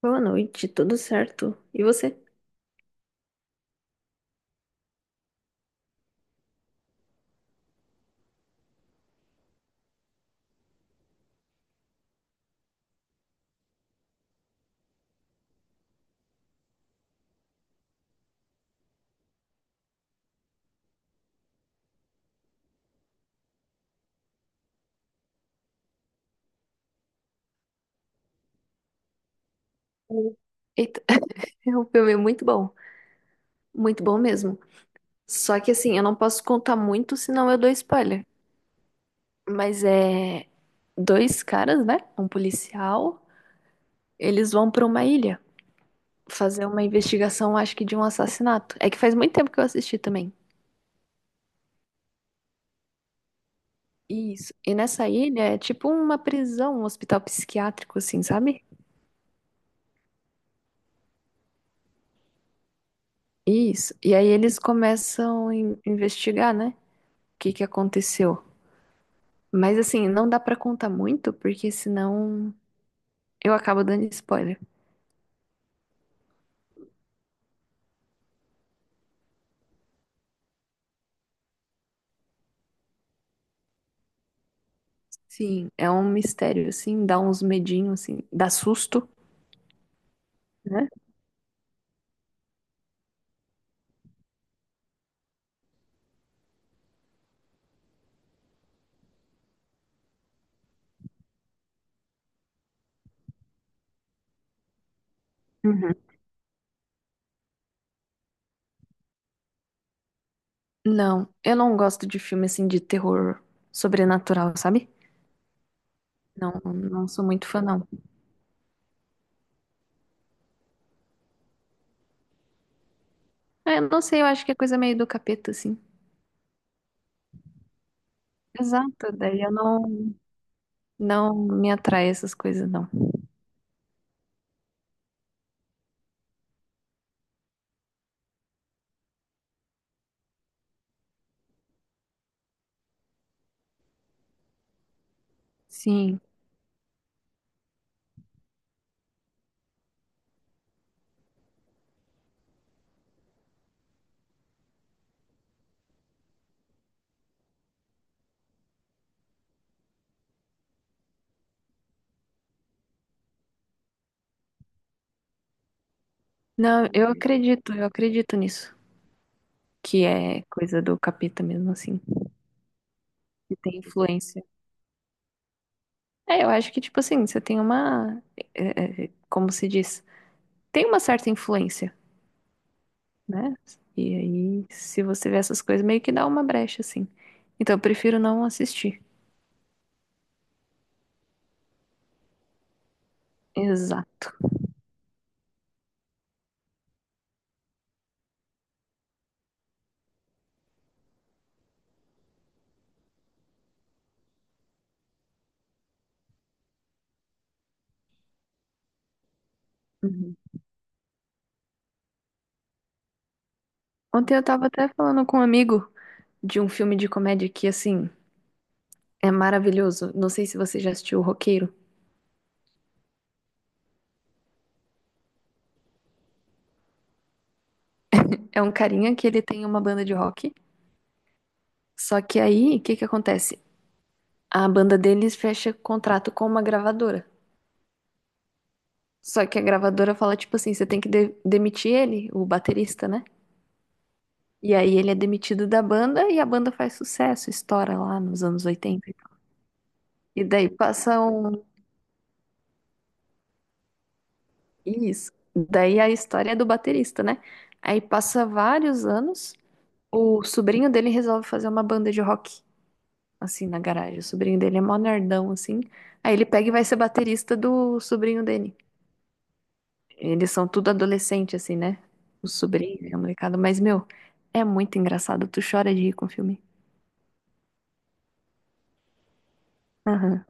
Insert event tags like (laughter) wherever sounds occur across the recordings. Boa noite, tudo certo? E você? Oi. Eita, (laughs) é um filme muito bom mesmo. Só que assim, eu não posso contar muito, senão eu dou spoiler. Mas é dois caras, né? Um policial, eles vão pra uma ilha fazer uma investigação, acho que de um assassinato. É que faz muito tempo que eu assisti também. Isso. E nessa ilha é tipo uma prisão, um hospital psiquiátrico, assim, sabe? Isso. E aí eles começam a investigar, né? O que que aconteceu? Mas assim, não dá pra contar muito, porque senão eu acabo dando spoiler. Sim, é um mistério, assim, dá uns medinhos, assim, dá susto, né? Uhum. Não, eu não gosto de filme, assim, de terror sobrenatural, sabe? Não, não sou muito fã, não. Eu não sei, eu acho que é coisa meio do capeta, assim. Exato, daí eu não, não me atrai essas coisas, não. Sim. Não, eu acredito nisso. Que é coisa do capeta mesmo, assim. Que tem influência. É, eu acho que, tipo assim, você tem uma. Como se diz? Tem uma certa influência, né? E aí, se você vê essas coisas, meio que dá uma brecha, assim. Então, eu prefiro não assistir. Exato. Uhum. Ontem eu tava até falando com um amigo de um filme de comédia que, assim, é maravilhoso. Não sei se você já assistiu O Roqueiro. É um carinha que ele tem uma banda de rock. Só que aí, o que que acontece? A banda deles fecha contrato com uma gravadora. Só que a gravadora fala, tipo assim, você tem que demitir ele, o baterista, né? E aí ele é demitido da banda e a banda faz sucesso, estoura lá nos anos 80. E tal. E daí passa um... Isso. Daí a história é do baterista, né? Aí passa vários anos, o sobrinho dele resolve fazer uma banda de rock, assim, na garagem. O sobrinho dele é mó nerdão, assim. Aí ele pega e vai ser baterista do sobrinho dele. Eles são tudo adolescente, assim, né? O sobrinho, a molecada. Mas, meu, é muito engraçado. Tu chora de rir com o filme. Aham.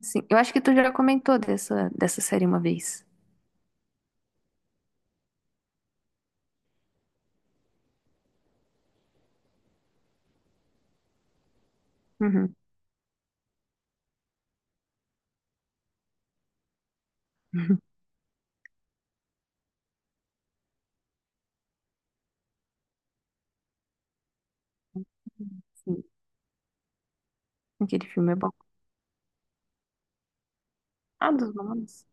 Sim, eu acho que tu já comentou dessa série uma vez. Uhum. (laughs) Sim, aquele filme é bom. Ah, dos nomes.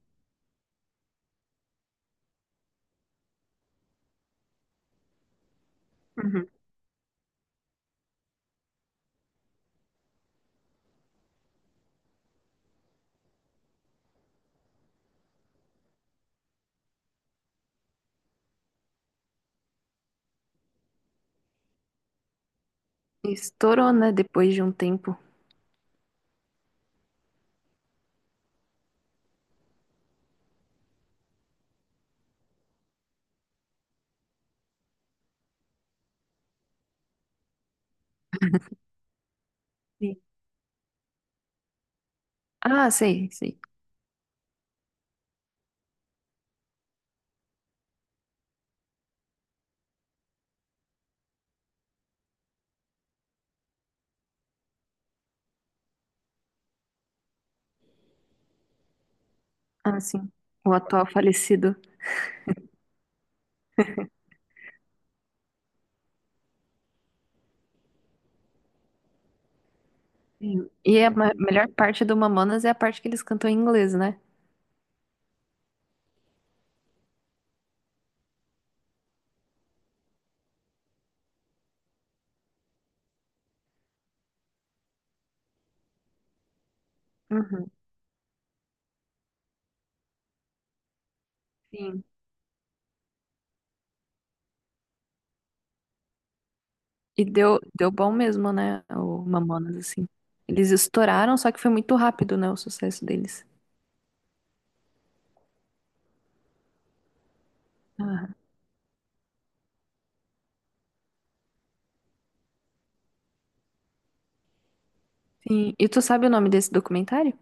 Uhum. Estourou, né? Depois de um tempo. Sim. Ah, sei, sei. Ah, sim. O atual falecido. Sim. E a melhor parte do Mamonas é a parte que eles cantam em inglês, né? Uhum. Sim. E deu bom mesmo, né? O Mamonas, assim. Eles estouraram, só que foi muito rápido, né? O sucesso deles. Ah, sim. E tu sabe o nome desse documentário?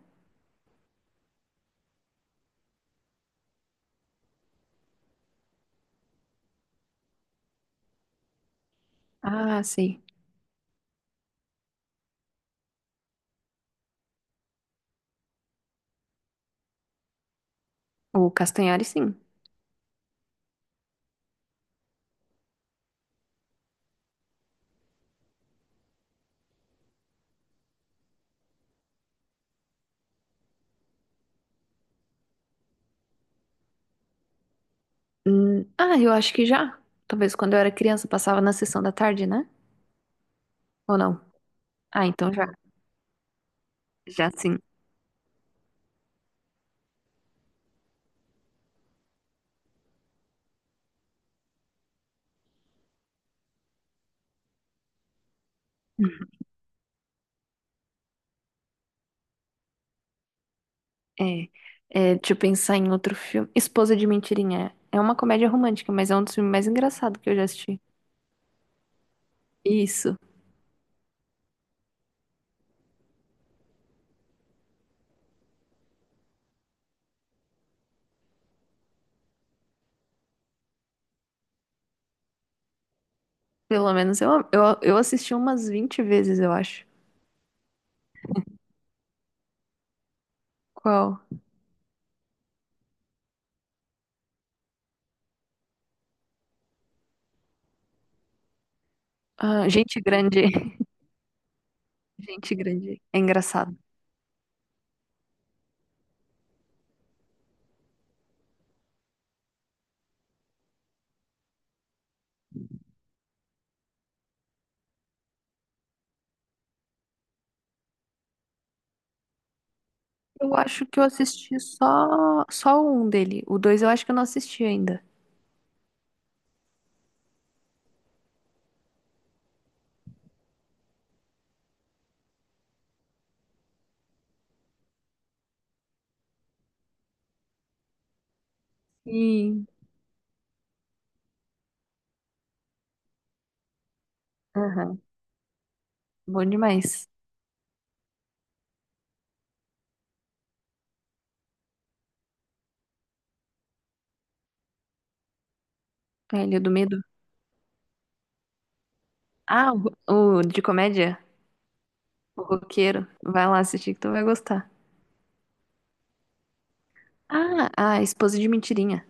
Ah, sei. O Castanhari, sim. Ah, eu acho que já. Talvez quando eu era criança passava na sessão da tarde, né? Ou não? Ah, então já. Já sim. É, deixa eu pensar em outro filme. Esposa de Mentirinha. É uma comédia romântica, mas é um dos filmes mais engraçados que eu já assisti. Isso. Pelo menos eu assisti umas 20 vezes, eu acho. Qual? Ah, Gente Grande. (laughs) Gente Grande. É engraçado. Eu acho que eu assisti só um dele. O dois eu acho que eu não assisti ainda. Sim. Aham. Bom demais. É, Ilha do Medo. Ah, o de comédia? O Roqueiro. Vai lá assistir que tu vai gostar. Ah, a Esposa de Mentirinha.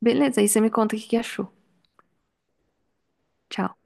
Beleza, aí você me conta o que que achou. Tchau.